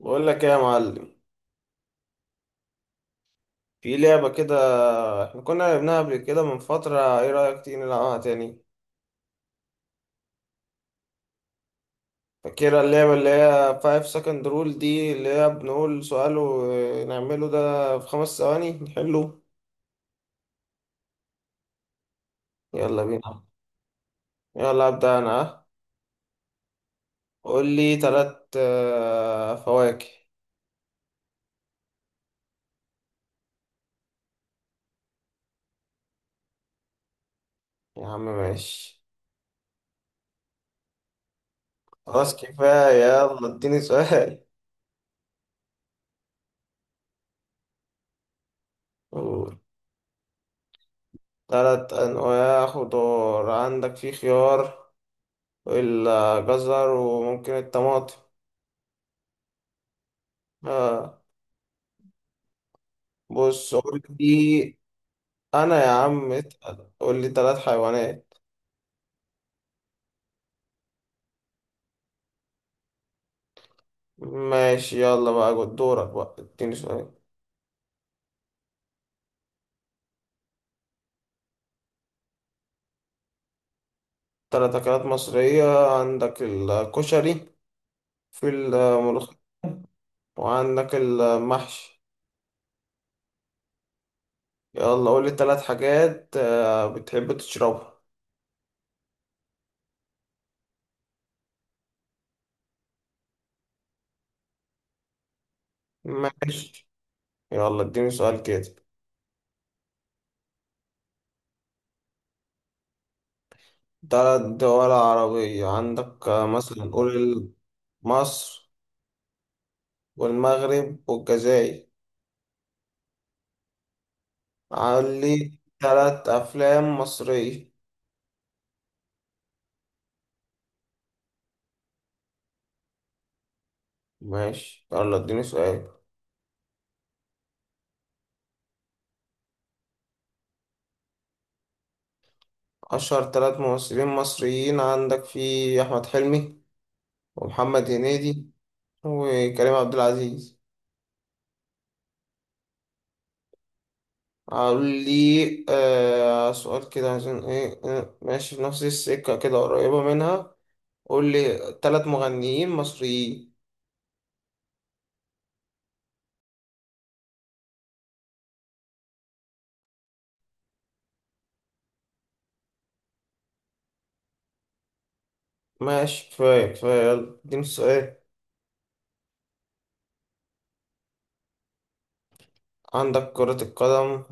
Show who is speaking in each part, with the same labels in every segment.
Speaker 1: بقول لك ايه يا معلم؟ في لعبة كده، احنا كنا لعبناها قبل كده من فترة. ايه رأيك تيجي نلعبها تاني؟ فاكرة اللعبة اللي هي 5 second rule دي، اللي هي بنقول سؤال ونعمله ده في خمس ثواني نحله. يلا بينا. يلا أبدأ أنا، ها؟ قول لي تلات فواكه. يا عم ماشي. خلاص كفاية، يلا اديني سؤال. قول. تلات أنواع خضار، عندك في خيار، الجزر، وممكن الطماطم. آه. بص قول لي. انا يا عم اتقل، قول لي ثلاث حيوانات. ماشي، يلا بقى جود دورك بقى اديني سؤال. ثلاث اكلات مصرية، عندك الكشري، في الملوخية، وعندك المحشي. يلا قول لي ثلاث حاجات بتحب تشربها. ماشي، يلا اديني سؤال كده. ثلاث دول عربية، عندك مثلا قول مصر والمغرب والجزائر. علي تلات أفلام مصرية. ماشي، يلا اديني سؤال. أشهر تلات ممثلين مصريين، عندك في أحمد حلمي ومحمد هنيدي وكريم عبد العزيز. أقول لي سؤال كده عشان إيه، ماشي في نفس السكة كده قريبة منها. قول لي تلات مغنيين مصريين. ماشي، كفاية كفاية، يلا اديني السؤال. عندك كرة القدم،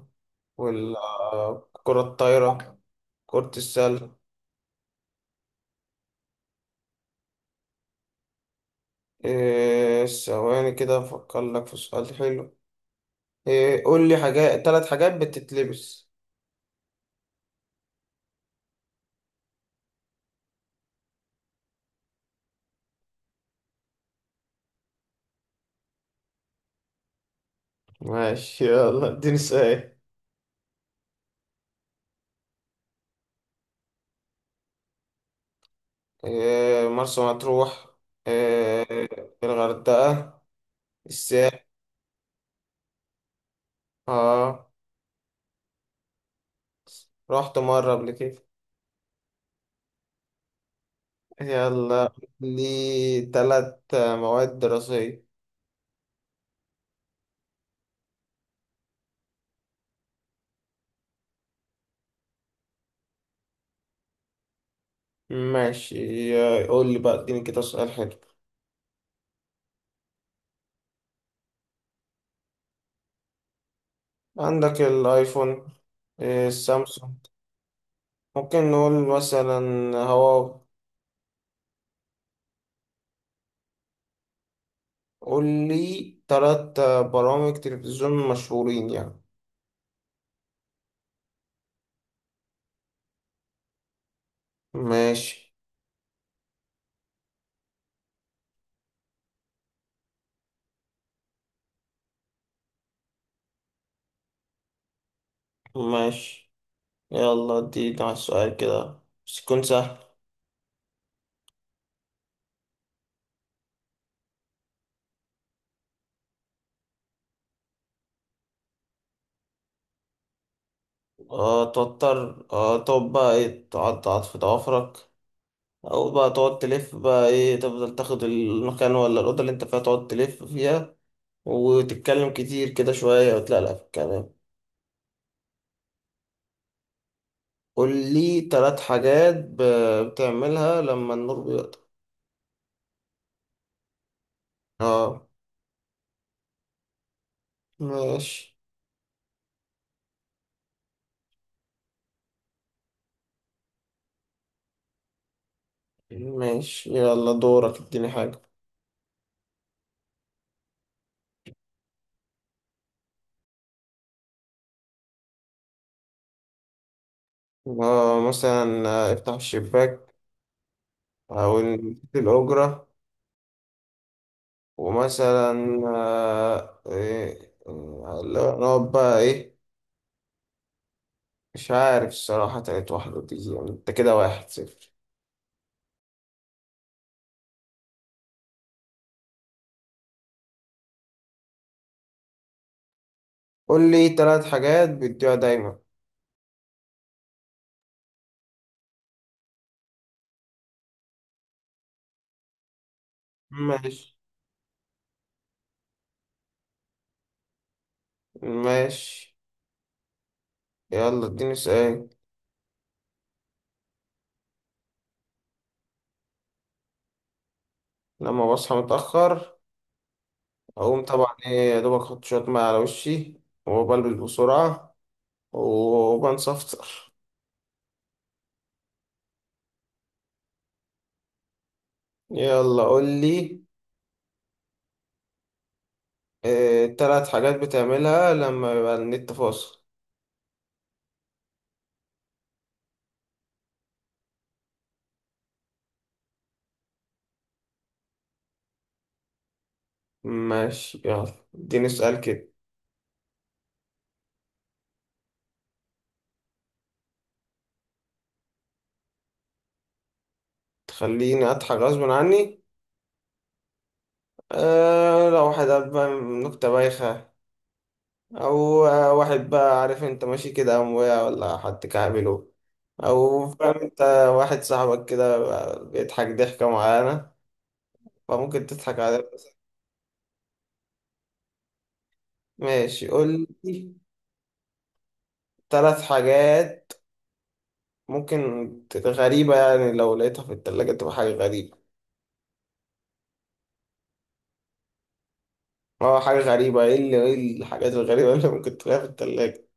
Speaker 1: والكرة الطايرة، كرة السلة. إيه، ثواني كده افكر لك في سؤال حلو. إيه قول لي ثلاث حاجات بتتلبس. ماشي، يلا اديني سؤال. إيه مرسى مطروح، إيه الغردقة، الساحل. اه، رحت مرة قبل كده. يلا، لي ثلاث مواد دراسية. ماشي، قول لي بقى اديني كده سؤال حلو. عندك الايفون، إيه السامسونج، ممكن نقول مثلا هواوي. قول لي تلات برامج تلفزيون مشهورين يعني. ماشي. ماشي، يلا ادينا على السؤال كده بس يكون سهل. أه توتر، أه تقعد بقى ايه، تقعد في ضوافرك، أو بقى تقعد تلف بقى ايه، تفضل تاخد المكان ولا الأوضة اللي انت فيها تقعد تلف فيها، وتتكلم كتير كده شوية وتلاقي في الكلام. قول لي تلات حاجات بتعملها لما النور بيقطع. اه. ماشي. ماشي، يلا دورك اديني حاجة. مثلا افتح الشباك، أو نشوف الأجرة. ومثلا آه، إيه، آه، لا، نقعد بقى إيه، مش عارف الصراحة تالت واحدة دي، يعني أنت كده واحد صفر. قول لي تلات حاجات بتبيع دايما. ماشي. ماشي، يلا اديني سؤال. لما بصحى متأخر أقوم طبعا إيه يا دوبك، أحط شوية مية على وشي، وبلبس بسرعة وبنصفر. يلا قول لي، تلات حاجات بتعملها لما يبقى النت فاصل. ماشي، يلا اديني سؤال كده. تخليني أضحك غصب عني؟ أه، لو واحد قال بقى نكتة بايخة، أو واحد بقى، عارف أنت، ماشي كده قام وقع، ولا حد كعبله، أو فاهم أنت، واحد صاحبك كده بيضحك ضحكة معينة فممكن تضحك عليه. ماشي، قول لي تلات حاجات ممكن غريبة، يعني لو لقيتها في التلاجة تبقى حاجة غريبة. اه، حاجة غريبة. ايه الحاجات الغريبة اللي ممكن تلاقيها في التلاجة.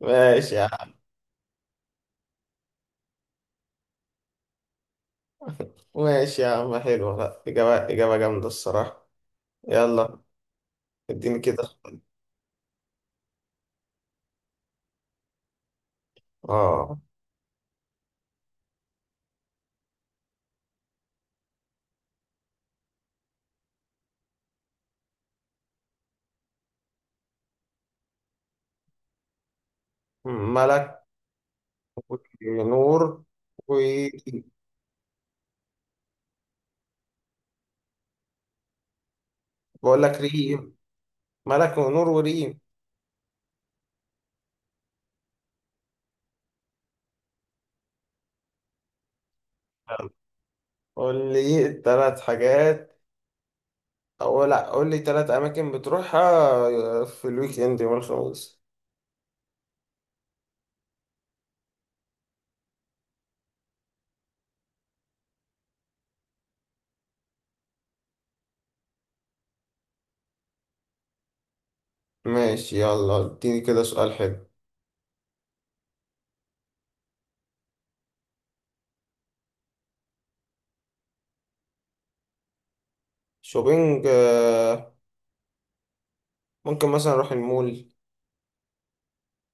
Speaker 1: ماشي يا عم. ماشي يا عم، حلوة، لا، إجابة إجابة جامدة الصراحة. يلا اديني كده. اه، ملك ونور وريم. بقول لك ريم، ملك ونور وريم. يلا. قول لي تلات اماكن بتروحها في الويك اند يوم الخميس. ماشي، يلا اديني كده سؤال حلو. شوبينج، ممكن مثلا اروح المول،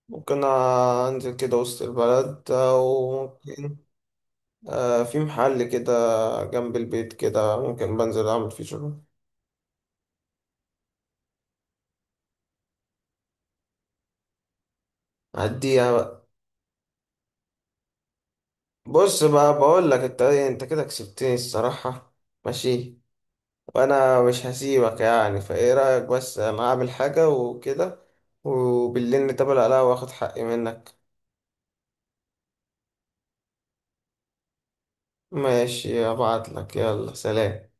Speaker 1: ممكن أنزل كده وسط البلد، أو ممكن في محل كده جنب البيت، كده ممكن بنزل أعمل فيه شغل. أعديها بقى. بص بقى بقول لك أنت كده كسبتني الصراحة. ماشي. وأنا مش هسيبك يعني، فإيه رأيك بس أنا أعمل حاجة وكده، وبالليل نتقابل عليها وآخد حقي منك. ماشي، أبعت لك، يلا سلام.